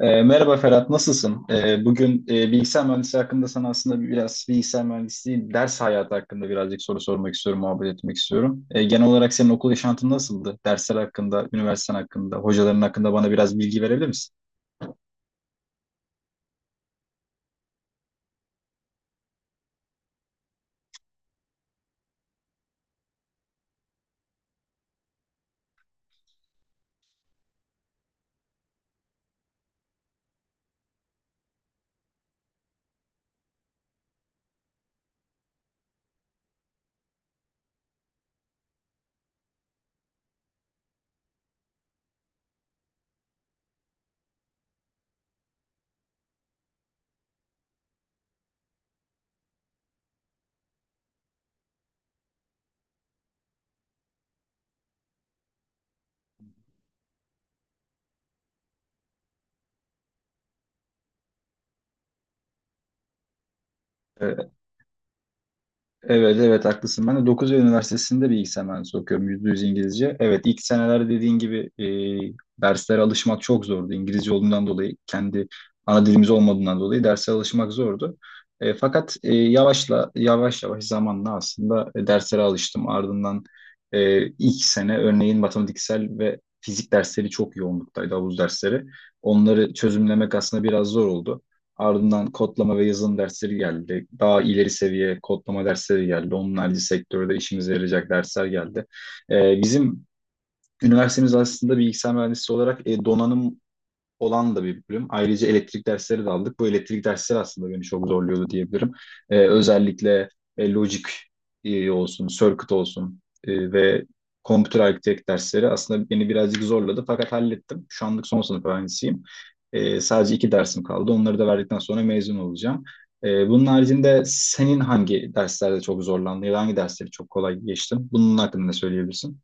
Merhaba Ferhat, nasılsın? Bugün bilgisayar mühendisliği hakkında sana aslında biraz bilgisayar mühendisliği ders hayatı hakkında birazcık soru sormak istiyorum, muhabbet etmek istiyorum. Genel olarak senin okul yaşantın nasıldı? Dersler hakkında, üniversiten hakkında, hocaların hakkında bana biraz bilgi verebilir misin? E, Evet evet, haklısın. Ben de Dokuz Eylül Üniversitesi'nde bilgisayar mühendisliği okuyorum. %100 İngilizce. Evet, ilk seneler dediğin gibi derslere alışmak çok zordu. İngilizce olduğundan dolayı, kendi ana dilimiz olmadığından dolayı derslere alışmak zordu. Fakat yavaş yavaş zamanla aslında derslere alıştım. Ardından ilk sene örneğin matematiksel ve fizik dersleri çok yoğunluktaydı, havuz dersleri. Onları çözümlemek aslında biraz zor oldu. Ardından kodlama ve yazılım dersleri geldi. Daha ileri seviye kodlama dersleri geldi. Onun harici sektörde işimize yarayacak dersler geldi. Bizim üniversitemiz aslında bilgisayar mühendisliği olarak donanım olan da bir bölüm. Ayrıca elektrik dersleri de aldık. Bu elektrik dersleri aslında beni çok zorluyordu diyebilirim. Özellikle logic olsun, circuit olsun ve computer architect dersleri aslında beni birazcık zorladı, fakat hallettim. Şu anlık son sınıf öğrencisiyim. Sadece iki dersim kaldı. Onları da verdikten sonra mezun olacağım. Bunun haricinde senin hangi derslerde çok zorlandın ya da hangi dersleri çok kolay geçtin? Bunun hakkında ne söyleyebilirsin?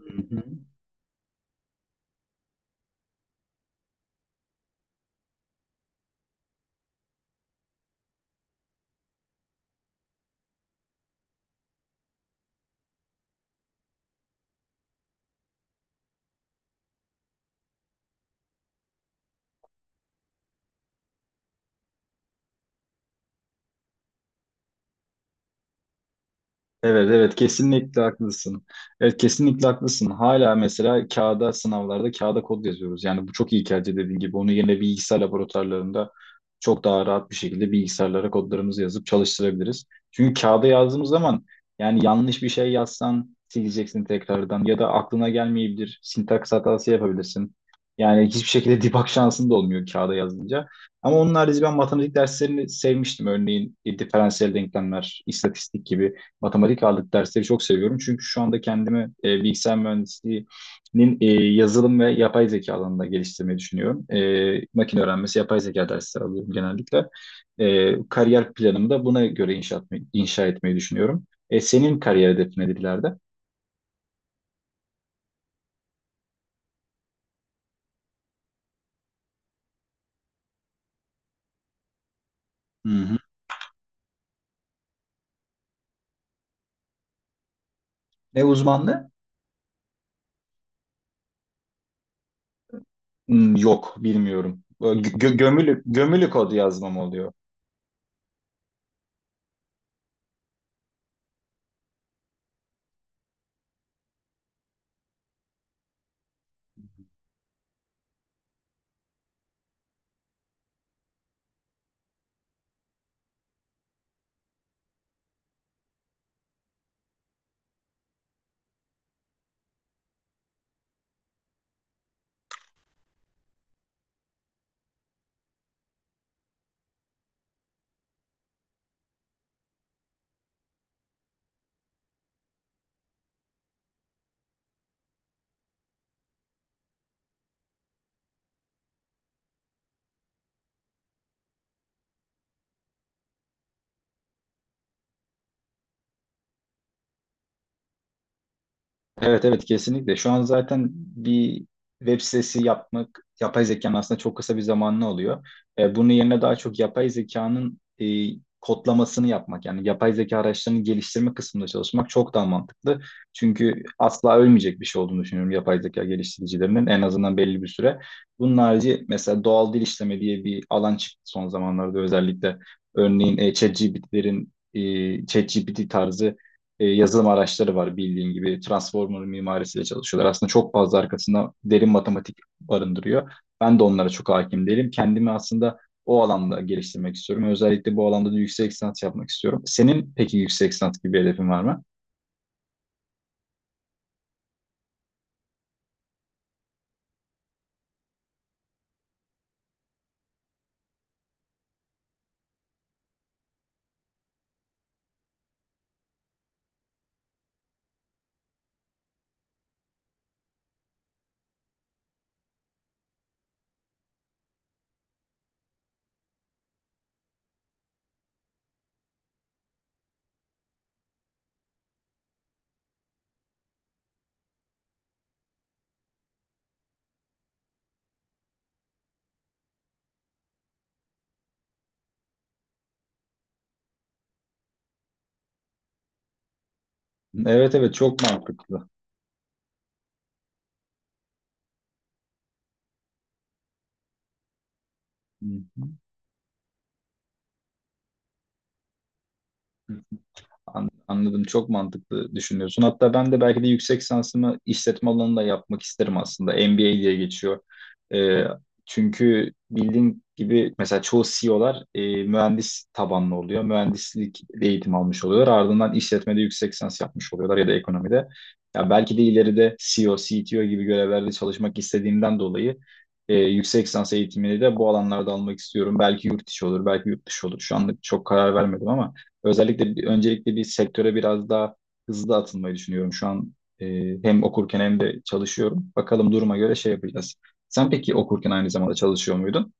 Hı hı. Evet evet, kesinlikle haklısın. Evet, kesinlikle haklısın. Hala mesela kağıda, sınavlarda kağıda kod yazıyoruz. Yani bu çok iyi, kelce dediğin gibi. Onu yine bilgisayar laboratuvarlarında çok daha rahat bir şekilde bilgisayarlara kodlarımızı yazıp çalıştırabiliriz. Çünkü kağıda yazdığımız zaman, yani yanlış bir şey yazsan sileceksin tekrardan ya da aklına gelmeyebilir. Sintaks hatası yapabilirsin. Yani hiçbir şekilde debug şansın da olmuyor kağıda yazınca. Ama onun harici ben matematik derslerini sevmiştim. Örneğin diferansiyel denklemler, istatistik gibi matematik ağırlıklı dersleri çok seviyorum. Çünkü şu anda kendimi bilgisayar mühendisliğinin yazılım ve yapay zeka alanında geliştirmeyi düşünüyorum. Makine öğrenmesi, yapay zeka dersleri alıyorum genellikle. Kariyer planımı da buna göre inşa etmeyi düşünüyorum. Senin kariyer hedefin nedir ileride? Hı hı. Ne uzmanlığı? Hmm, yok, bilmiyorum. Gömülü kod yazmam oluyor. Evet evet, kesinlikle. Şu an zaten bir web sitesi yapmak yapay zekanın aslında çok kısa bir zamanlı oluyor. Bunun yerine daha çok yapay zekanın kodlamasını yapmak, yani yapay zeka araçlarını geliştirme kısmında çalışmak çok daha mantıklı. Çünkü asla ölmeyecek bir şey olduğunu düşünüyorum yapay zeka geliştiricilerinin, en azından belli bir süre. Bunun harici mesela doğal dil işleme diye bir alan çıktı son zamanlarda özellikle. Örneğin ChatGPT'lerin, ChatGPT tarzı yazılım araçları var bildiğin gibi. Transformer mimarisiyle çalışıyorlar. Aslında çok fazla arkasında derin matematik barındırıyor. Ben de onlara çok hakim değilim. Kendimi aslında o alanda geliştirmek istiyorum. Özellikle bu alanda da yüksek lisans yapmak istiyorum. Senin peki yüksek lisans gibi bir hedefin var mı? Evet evet, çok mantıklı. Hı hı. Anladım. Çok mantıklı düşünüyorsun. Hatta ben de belki de yüksek lisansımı işletme alanında yapmak isterim aslında. MBA diye geçiyor. Ee, Çünkü bildiğin gibi mesela çoğu CEO'lar O'lar mühendis tabanlı oluyor. Mühendislik eğitim almış oluyorlar. Ardından işletmede yüksek lisans yapmış oluyorlar ya da ekonomide. Ya belki de ileride CEO, CTO gibi görevlerde çalışmak istediğimden dolayı yüksek lisans eğitimini de bu alanlarda almak istiyorum. Belki yurt içi olur, belki yurt dışı olur. Şu anlık çok karar vermedim ama özellikle öncelikle bir sektöre biraz daha hızlı atılmayı düşünüyorum. Şu an e, hem okurken hem de çalışıyorum. Bakalım duruma göre şey yapacağız. Sen peki okurken aynı zamanda çalışıyor muydun?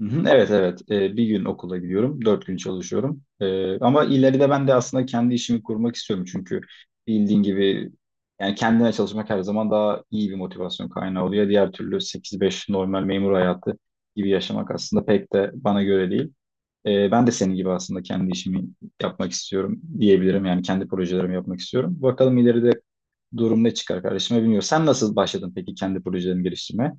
Hı hı. Evet evet. Bir gün okula gidiyorum, 4 gün çalışıyorum. Ama ileride ben de aslında kendi işimi kurmak istiyorum, çünkü bildiğin gibi, yani kendine çalışmak her zaman daha iyi bir motivasyon kaynağı oluyor. Diğer türlü 8-5 normal memur hayatı gibi yaşamak aslında pek de bana göre değil. Ben de senin gibi aslında kendi işimi yapmak istiyorum diyebilirim. Yani kendi projelerimi yapmak istiyorum. Bakalım ileride durum ne çıkar kardeşime, bilmiyorum. Sen nasıl başladın peki kendi projelerini geliştirmeye?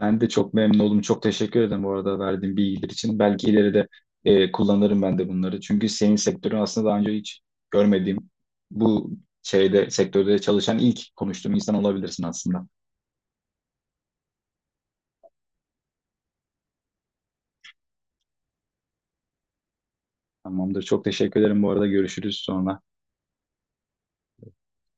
Ben de çok memnun oldum. Çok teşekkür ederim bu arada verdiğin bilgiler için. Belki ileride kullanırım ben de bunları. Çünkü senin sektörün aslında daha önce hiç görmediğim, bu şeyde, sektörde çalışan ilk konuştuğum insan olabilirsin aslında. Tamamdır. Çok teşekkür ederim bu arada. Görüşürüz sonra.